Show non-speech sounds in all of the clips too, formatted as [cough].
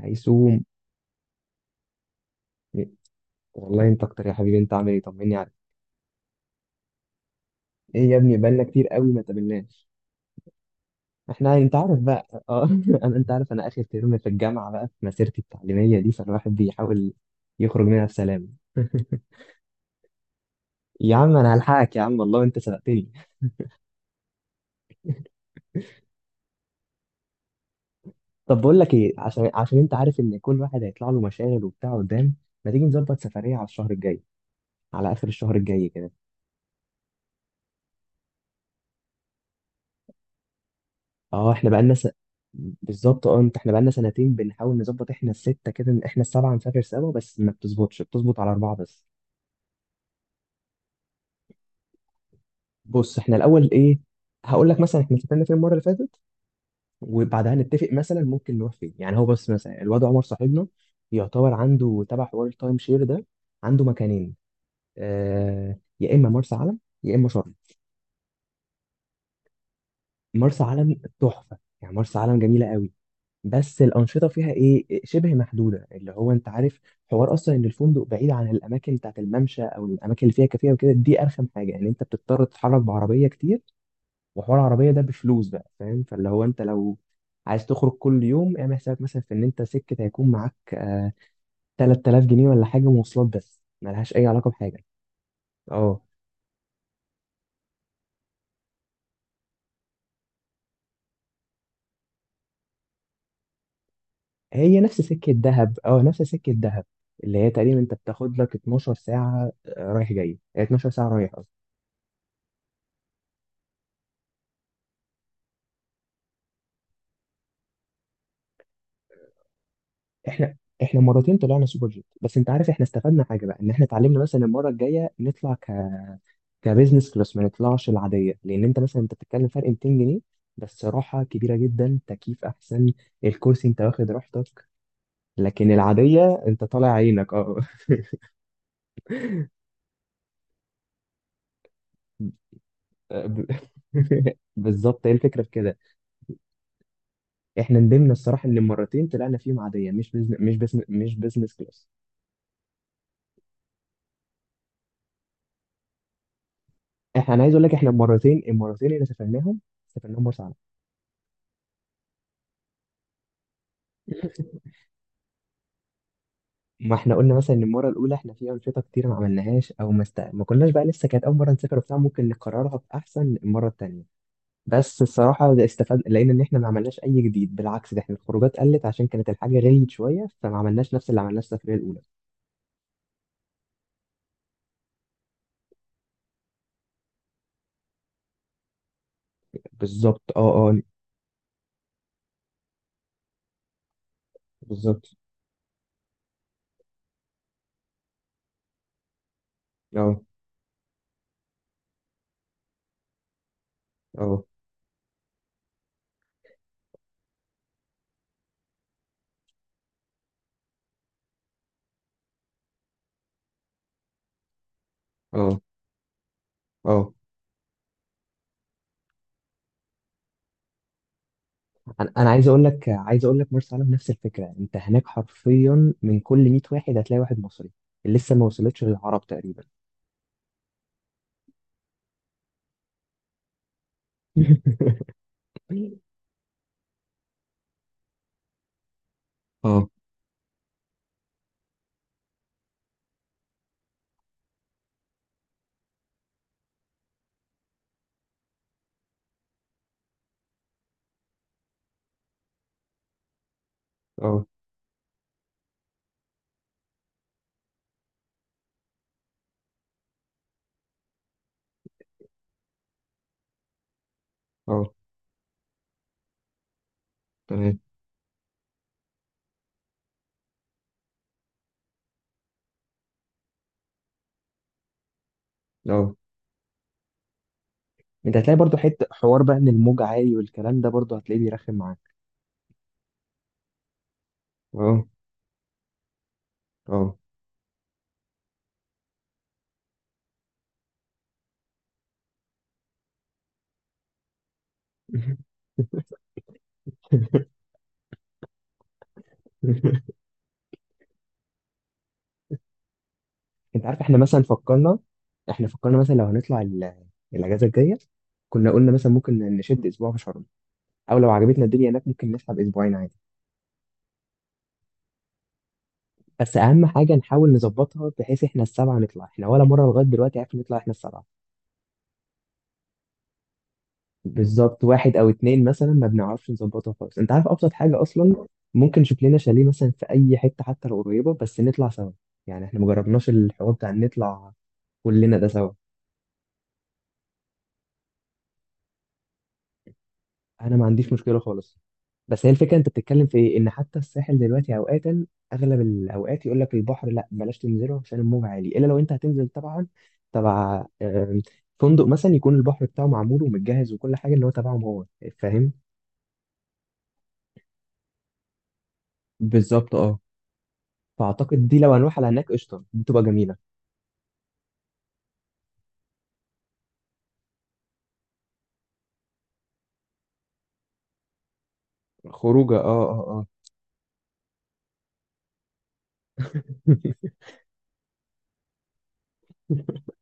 هيسوم، والله انت اكتر يا حبيبي. انت عامل ايه؟ طمني عليك. ايه يا ابني، بقالنا كتير قوي ما تقابلناش. احنا انت عارف بقى، اه. [laughs] انت عارف انا اخر ترم في الجامعه بقى، في مسيرتي التعليميه دي، فالواحد بيحاول يخرج منها بسلام. [laughs] يا عم انا هلحقك يا عم، والله انت سبقتني. طب بقول لك ايه، عشان انت عارف ان كل واحد هيطلع له مشاغل وبتاع قدام. ما تيجي نظبط سفريه على الشهر الجاي؟ على اخر الشهر الجاي كده. اه احنا بقالنا س... بالظبط. اه، انت، احنا بقالنا سنتين بنحاول نظبط. احنا الستة كده، احنا السبعة نسافر سوا، بس ما بتظبطش، بتظبط على أربعة بس. بص، احنا الأول ايه، هقول لك مثلا احنا سافرنا فين المرة اللي فاتت، وبعدها نتفق مثلا ممكن نروح فين. يعني هو بس مثلا الواد عمر صاحبنا يعتبر عنده تبع حوار التايم شير ده، عنده مكانين. آه، يا إما مرسى علم يا إما شرم. مرسى علم تحفة، يعني مرسى علم جميلة قوي. بس الانشطه فيها ايه، شبه محدوده. اللي هو انت عارف، حوار اصلا ان الفندق بعيد عن الاماكن بتاعت الممشى او الاماكن اللي فيها كافيه وكده، دي ارخم حاجه. يعني انت بتضطر تتحرك بعربيه كتير، وحوار العربيه ده بفلوس بقى، فاهم؟ فاللي هو انت لو عايز تخرج كل يوم، اعمل حسابك مثلا في ان انت سكه هيكون معاك 3000 جنيه ولا حاجه مواصلات بس، ملهاش اي علاقه بحاجه. اه، هي نفس سكه دهب، اه نفس سكه دهب، اللي هي تقريبا انت بتاخد لك 12 ساعه، آه، رايح جاي، هي 12 ساعه رايح. احنا احنا مرتين طلعنا سوبر جيت. بس انت عارف احنا استفدنا حاجه بقى، ان احنا اتعلمنا مثلا المره الجايه نطلع كبزنس كلاس، ما نطلعش العاديه. لان انت مثلا انت بتتكلم فرق 200 جنيه بس راحه كبيره جدا، تكييف احسن، الكرسي انت واخد راحتك. لكن العاديه انت طالع عينك، اه. ب- [laughs] بالظبط، هي الفكره في كده. احنا ندمنا الصراحه ان المرتين طلعنا فيهم عاديه، مش بزنس كلاس. انا عايز اقول لك، احنا المرتين اللي سافرناهم مرسى علم. [laughs] ما احنا قلنا مثلا ان المره الاولى احنا في انشطه كتير ما عملناهاش، او ما كناش بقى لسه، كانت اول مره نسافر وبتاع، ممكن نكررها باحسن المره التانيه. بس الصراحه ده استفاد، لقينا ان احنا ما عملناش اي جديد. بالعكس، ده احنا الخروجات قلت عشان كانت الحاجه غليت شويه، فما عملناش نفس اللي عملناه السفريه الاولى. بالظبط، اه، اه. بالظبط، اه، اه، اه، اه. أنا عايز اقول لك، مرسى علم نفس الفكره. انت هناك حرفيا من كل 100 واحد هتلاقي واحد مصري، لسه ما وصلتش للعرب تقريبا. [laughs] اه، اه، اه، تمام، اه. انت هتلاقي برضو حته حوار بقى ان الموج عالي، والكلام ده برضو هتلاقيه بيرخم معاك. اه، اه. [laughs] انت عارف احنا مثلا فكرنا، احنا فكرنا مثلا لو هنطلع الاجازه الجايه، كنا قلنا مثلا ممكن نشد اسبوع في شرم، او لو عجبتنا الدنيا هناك ممكن نسحب اسبوعين عادي. بس اهم حاجه نحاول نظبطها بحيث احنا السبعه نطلع. احنا ولا مره لغايه دلوقتي عرفنا نطلع احنا السبعه. بالظبط، واحد او اتنين مثلا ما بنعرفش نظبطها خالص. انت عارف ابسط حاجه اصلا، ممكن نشوف لنا شاليه مثلا في اي حته حتى لو قريبه، بس نطلع سوا. يعني احنا مجربناش الحوار بتاع إن نطلع كلنا ده سوا. انا ما عنديش مشكله خالص، بس هي الفكره انت بتتكلم في ايه، ان حتى الساحل دلوقتي اوقاتا، اغلب الاوقات يقول لك البحر لا بلاش تنزله عشان الموج عالي، الا لو انت هتنزل طبعا تبع فندق مثلا يكون البحر بتاعه معمول ومتجهز وكل حاجه اللي هو تبعهم هو، فاهم؟ بالظبط، اه. فأعتقد دي لو هنروح على هناك قشطة، دي تبقى جميلة. خروجة، اه، اه، اه. [laughs]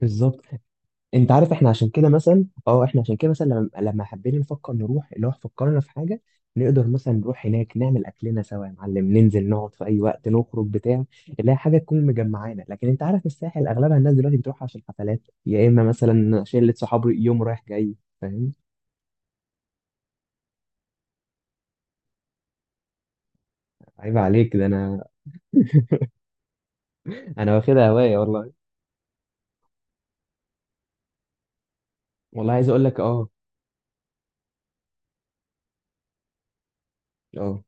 بالظبط. انت عارف احنا عشان كده مثلا، اه، احنا عشان كده مثلا، لما حبينا نفكر نروح، اللي هو فكرنا في حاجه نقدر مثلا نروح هناك نعمل اكلنا سوا يا معلم، ننزل نقعد في اي وقت، نخرج بتاع اللي هي حاجه تكون مجمعانا. لكن انت عارف الساحل اغلبها الناس دلوقتي بتروح عشان حفلات، يا اما مثلا شله صحاب يوم رايح جاي، فاهم؟ عيب عليك، ده انا واخدها هوايه والله. والله عايز اقول لك، اه اه.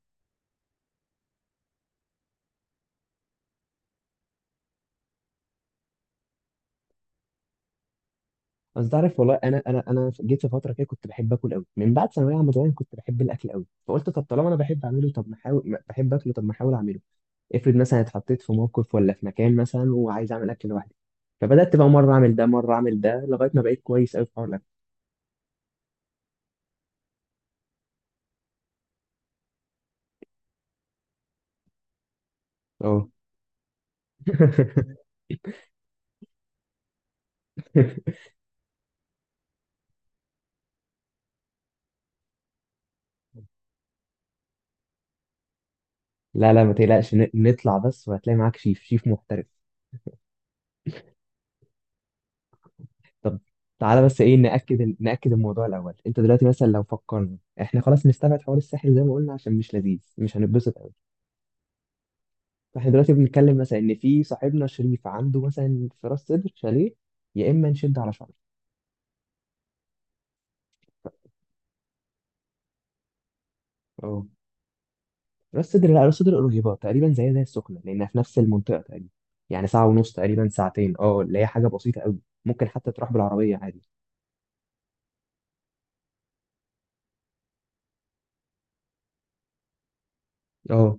بس تعرف والله انا جيت في فتره كده كنت بحب اكل قوي، من بعد ثانويه عامه. زمان كنت بحب الاكل قوي، فقلت طب طالما انا بحب اعمله، طب ما احاول، بحب اكله، طب ما احاول اعمله، افرض مثلا اتحطيت في موقف ولا في مكان مثلا وعايز اعمل اكل لوحدي. فبدات بقى مره اعمل ده مره اعمل ده، لغايه ما بقيت كويس قوي في حوار الاكل. اه. [laughs] لا لا ما تقلقش، نطلع بس وهتلاقي معاك شيف، شيف محترف. طب تعالى بس ايه، ناكد الموضوع الاول. انت دلوقتي مثلا لو فكرنا احنا خلاص نستبعد حوار الساحل زي ما قلنا عشان مش لذيذ، مش هنتبسط. فاحنا دلوقتي بنتكلم مثلا ان في صاحبنا شريف عنده مثلا في راس سدر شاليه، يا اما نشد على شعره. اه، راس سدر. لا، راس سدر قريبة تقريبا زي زي السخنة، لأنها في نفس المنطقة تقريبا. يعني ساعة ونص تقريبا، ساعتين، اه اللي هي حاجة بسيطة قوي، ممكن حتى تروح بالعربية عادي. اه،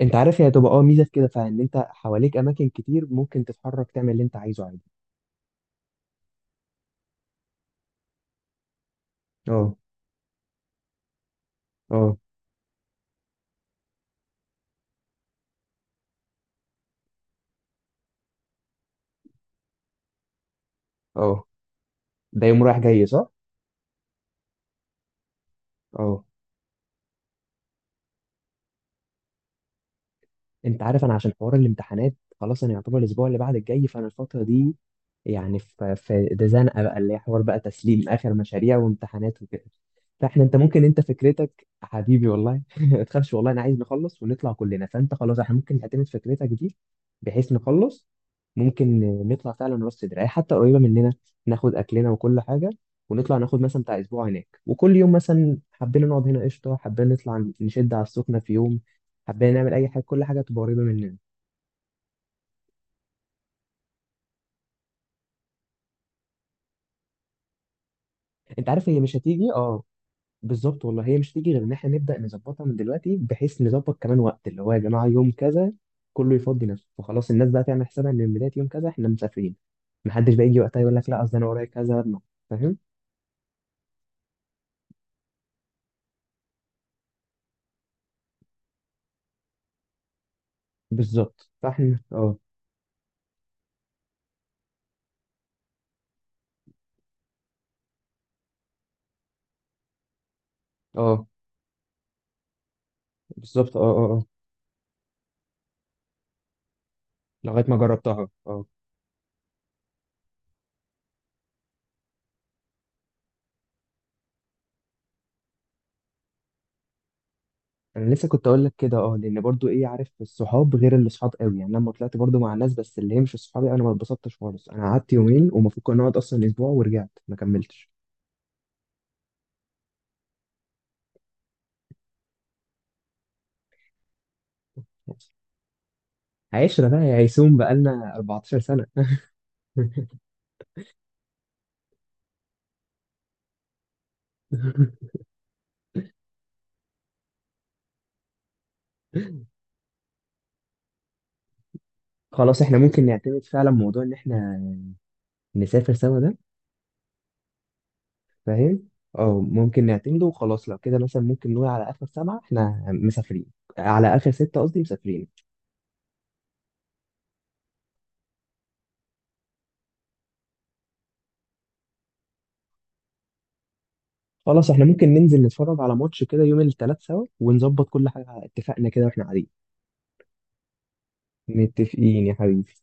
انت عارف هي هتبقى، اه، ميزة في كده، فان انت حواليك أماكن كتير، ممكن تتحرك تعمل اللي انت عايزه عادي. اه، اه، اه. ده يوم رايح جاي صح؟ اه، انت عارف انا عشان حوار الامتحانات، خلاص انا يعتبر الاسبوع اللي بعد الجاي فانا الفتره دي، يعني في ده زنقه بقى، اللي هي حوار بقى تسليم اخر مشاريع وامتحانات وكده. فاحنا انت، ممكن انت فكرتك حبيبي والله. [laughs] ما تخافش والله، انا عايز نخلص ونطلع كلنا. فانت خلاص احنا ممكن نعتمد فكرتك دي بحيث نخلص. ممكن نطلع فعلا راس صدر، اي حتى قريبه مننا، ناخد اكلنا وكل حاجه، ونطلع ناخد مثلا بتاع اسبوع هناك، وكل يوم مثلا حبينا نقعد هنا قشطه، حبينا نطلع نشد على السخنه في يوم، حبينا نعمل اي حاجه، كل حاجه تبقى قريبه مننا. انت عارف هي مش هتيجي، اه، بالظبط والله هي مش هتيجي غير ان احنا نبدا نظبطها من دلوقتي، بحيث نظبط كمان وقت، اللي هو يا جماعه يوم كذا كله يفضي نفسه، فخلاص الناس بقى تعمل حسابها ان من بدايه يوم كذا احنا مسافرين. محدش بقى يجي وقتها يقول لك لا اصل انا ورايا كذا، لا. فاهم؟ بالظبط، فاحنا، اه، اه، بالظبط، اه، اه، اه، لغايه ما جربتها، اه. انا لسه كنت اقول لك كده، اه لان برضو ايه، عارف الصحاب غير اللي صحاب قوي، يعني لما طلعت برضو مع الناس بس اللي هي مش صحابي، انا ما اتبسطتش خالص. انا قعدت يومين ومفروض كنا نقعد اصلا اسبوع، ورجعت ما كملتش. عشرة بقى يا هيسوم، بقالنا 14 سنة. [laughs] خلاص احنا ممكن نعتمد فعلا موضوع ان احنا نسافر سوا ده. فاهم؟ اه، ممكن نعتمده وخلاص. لو كده مثلا ممكن نقول على اخر سبعة احنا مسافرين، على اخر ستة قصدي مسافرين. خلاص احنا ممكن ننزل نتفرج على ماتش كده يوم التلات سوا، ونظبط كل حاجة، اتفقنا كده واحنا قاعدين. متفقين يا حبيبي.